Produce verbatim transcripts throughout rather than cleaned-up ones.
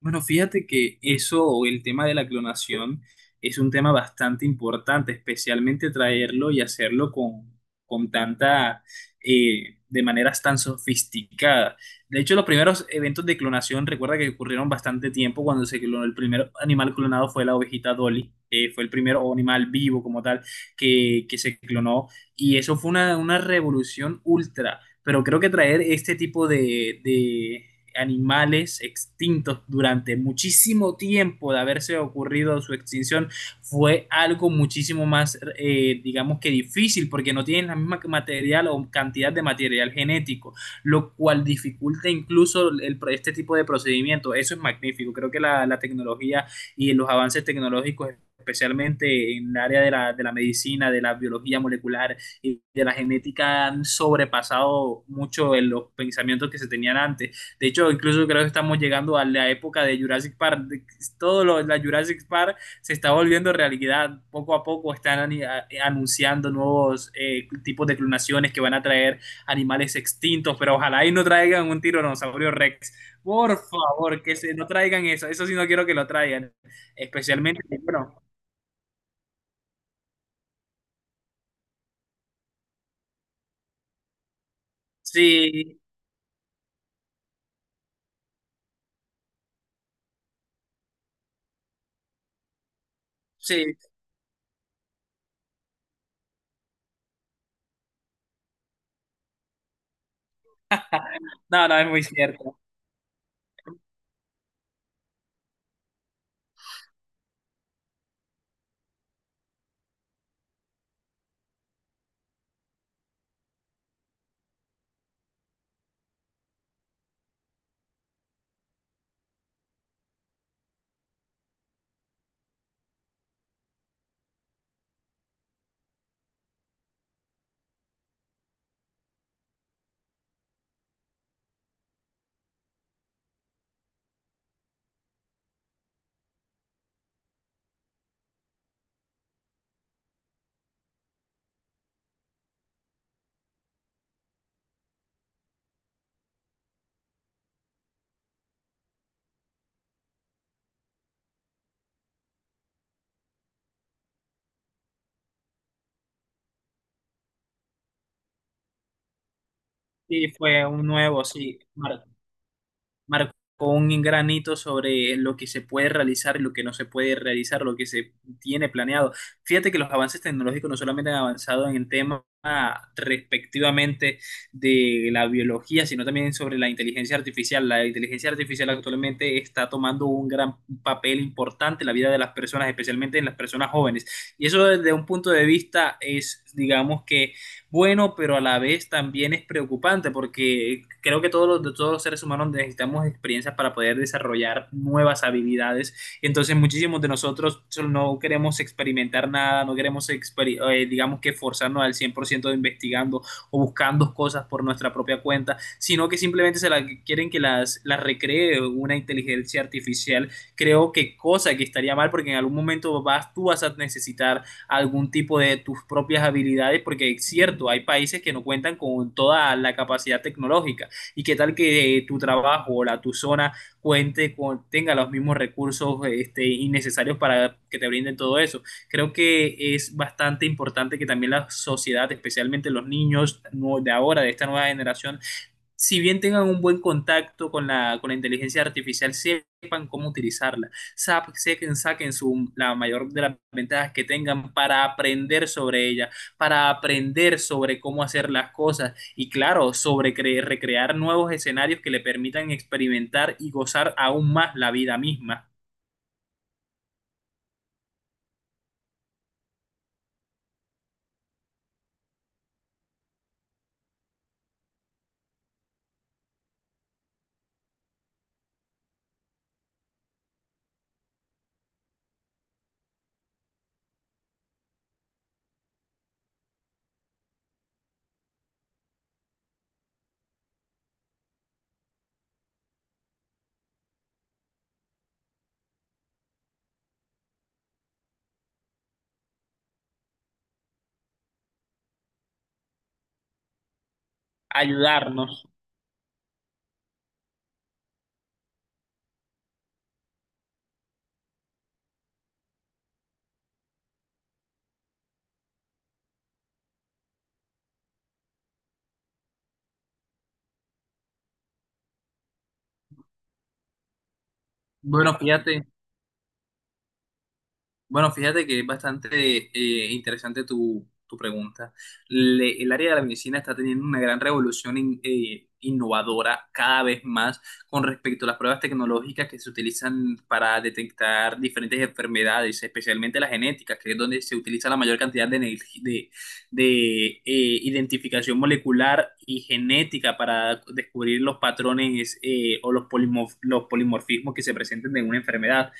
Bueno, fíjate que eso, o el tema de la clonación, es un tema bastante importante, especialmente traerlo y hacerlo con, con tanta, eh, de maneras tan sofisticadas. De hecho, los primeros eventos de clonación, recuerda que ocurrieron bastante tiempo cuando se clonó, el primer animal clonado fue la ovejita Dolly, eh, fue el primer animal vivo como tal que, que se clonó, y eso fue una, una revolución ultra. Pero creo que traer este tipo de, animales extintos durante muchísimo tiempo de haberse ocurrido su extinción fue algo muchísimo más, eh, digamos que difícil, porque no tienen la misma material o cantidad de material genético, lo cual dificulta incluso el, este tipo de procedimiento. Eso es magnífico. Creo que la, la tecnología y los avances tecnológicos especialmente en el área de la, de la, medicina, de la biología molecular y de la genética, han sobrepasado mucho en los pensamientos que se tenían antes. De hecho, incluso creo que estamos llegando a la época de Jurassic Park. Todo lo, la Jurassic Park se está volviendo realidad. Poco a poco están ani- a- eh, anunciando nuevos eh, tipos de clonaciones que van a traer animales extintos, pero ojalá y no traigan un tiranosaurio Rex. Por favor, que se, no traigan eso. Eso sí no quiero que lo traigan. Especialmente, bueno, sí, sí. No, no, es muy cierto. Sí, fue un nuevo, sí. Marcó un granito sobre lo que se puede realizar y lo que no se puede realizar, lo que se tiene planeado. Fíjate que los avances tecnológicos no solamente han avanzado en el tema ah, respectivamente de la biología, sino también sobre la inteligencia artificial. La inteligencia artificial actualmente está tomando un gran papel importante en la vida de las personas, especialmente en las personas jóvenes. Y eso desde un punto de vista es, digamos que, bueno, pero a la vez también es preocupante porque creo que todos los, todos los seres humanos necesitamos experiencias para poder desarrollar nuevas habilidades. Entonces muchísimos de nosotros no queremos experimentar nada, no queremos, exper- eh, digamos que forzarnos al cien por ciento de investigando o buscando cosas por nuestra propia cuenta, sino que simplemente se la, quieren que las, las recree una inteligencia artificial. Creo que cosa que estaría mal porque en algún momento vas, tú vas a necesitar algún tipo de tus propias habilidades, porque es cierto, hay países que no cuentan con toda la capacidad tecnológica. ¿Y qué tal que eh, tu trabajo o la tu zona cuente con, tenga los mismos recursos este, innecesarios para que te brinden todo eso? Creo que es bastante importante que también la sociedad, especialmente los niños de ahora, de esta nueva generación, si bien tengan un buen contacto con la, con la inteligencia artificial, sepan cómo utilizarla, Sap- saquen, saquen su, la mayor de las ventajas que tengan para aprender sobre ella, para aprender sobre cómo hacer las cosas y claro, sobre cre- recrear nuevos escenarios que le permitan experimentar y gozar aún más la vida misma, ayudarnos. Bueno, fíjate. Bueno, fíjate que es bastante eh, interesante tu, tu pregunta. Le- el área de la medicina está teniendo una gran revolución in- eh, innovadora cada vez más con respecto a las pruebas tecnológicas que se utilizan para detectar diferentes enfermedades, especialmente la genética, que es donde se utiliza la mayor cantidad de, energi- de, de, eh, identificación molecular y genética para descubrir los patrones eh, o los polimorf- los polimorfismos que se presenten en una enfermedad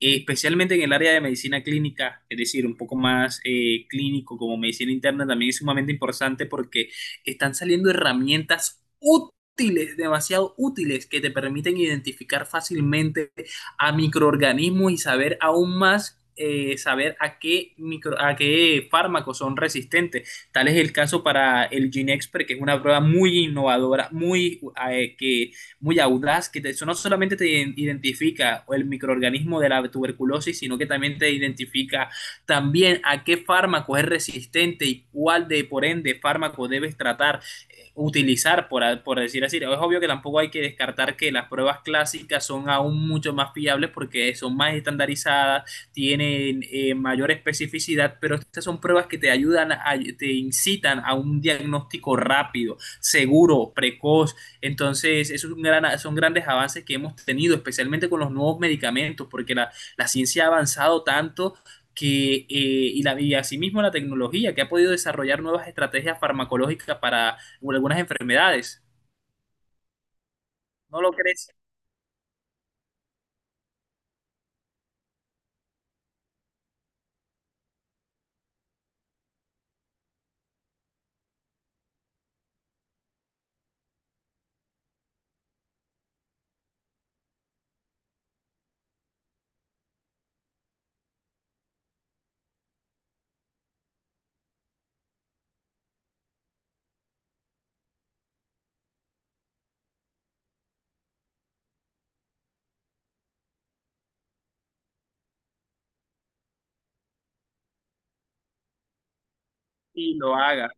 eh, especialmente en el área de medicina clínica, es decir, un poco más eh, clínico como medicina interna, también es sumamente importante porque están saliendo herramientas útiles, demasiado útiles, que te permiten identificar fácilmente a microorganismos y saber aún más. Eh, saber a qué, micro, a qué fármacos son resistentes. Tal es el caso para el GeneXpert, que es una prueba muy innovadora, muy, eh, que muy audaz, que te- eso no solamente te iden- identifica el microorganismo de la tuberculosis, sino que también te identifica también a qué fármaco es resistente y cuál de, por ende, fármaco debes tratar, eh, utilizar, por, a- por decir así. Es obvio que tampoco hay que descartar que las pruebas clásicas son aún mucho más fiables porque son más estandarizadas, tienen eh, mayor especificidad, pero estas son pruebas que te ayudan, a- te incitan a un diagnóstico rápido, seguro, precoz entonces, eso es un gran- son grandes avances que hemos tenido, especialmente con los nuevos medicamentos, porque la, la ciencia ha avanzado tanto que, eh, y, la, y asimismo la tecnología, que ha podido desarrollar nuevas estrategias farmacológicas para algunas enfermedades. ¿No lo crees? Y lo haga.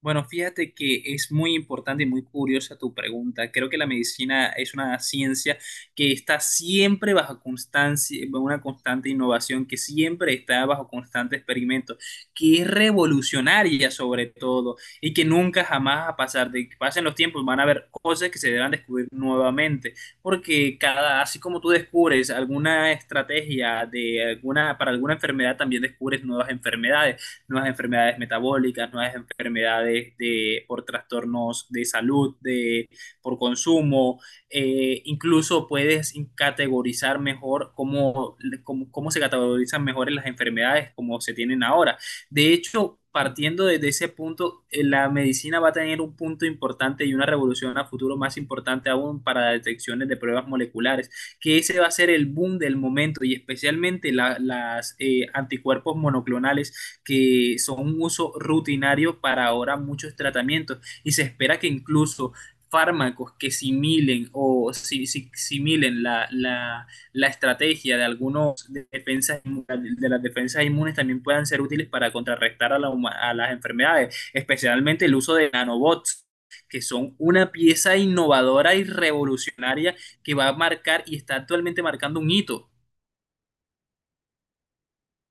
Bueno, fíjate que es muy importante y muy curiosa tu pregunta. Creo que la medicina es una ciencia que está siempre bajo constancia, una constante innovación, que siempre está bajo constante experimento, que es revolucionaria sobre todo y que nunca jamás va a pasar. De que pasen los tiempos, van a haber cosas que se deban descubrir nuevamente, porque cada, así como tú descubres alguna estrategia de alguna, para alguna enfermedad, también descubres nuevas enfermedades nuevas enfermedades metabólicas, nuevas enfermedades de, por trastornos de salud, de, por consumo. Eh, incluso puedes categorizar mejor cómo, cómo, cómo se categorizan mejor en las enfermedades como se tienen ahora. De hecho, partiendo desde ese punto, eh, la medicina va a tener un punto importante y una revolución a futuro más importante aún para detecciones de pruebas moleculares, que ese va a ser el boom del momento y especialmente la, las eh, anticuerpos monoclonales que son un uso rutinario para ahora muchos tratamientos y se espera que incluso fármacos que similen o si, si- similen la, la- la estrategia de algunos de defensas inmu- de las defensas inmunes también puedan ser útiles para contrarrestar a, la huma- a las enfermedades, especialmente el uso de nanobots, que son una pieza innovadora y revolucionaria que va a marcar y está actualmente marcando un hito.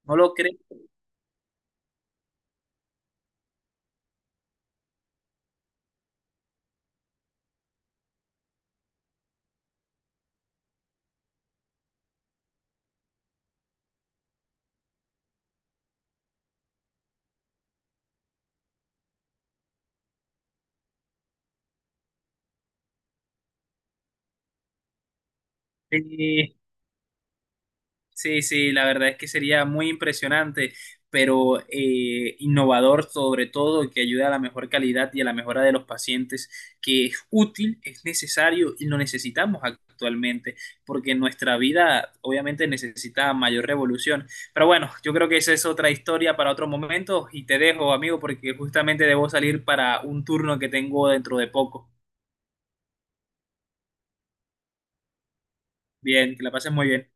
¿No lo crees? Eh, Sí, sí, la verdad es que sería muy impresionante, pero eh, innovador sobre todo, que ayude a la mejor calidad y a la mejora de los pacientes, que es útil, es necesario y lo necesitamos actualmente, porque nuestra vida obviamente necesita mayor revolución. Pero bueno, yo creo que esa es otra historia para otro momento y te dejo, amigo, porque justamente debo salir para un turno que tengo dentro de poco. Bien, que la pases muy bien.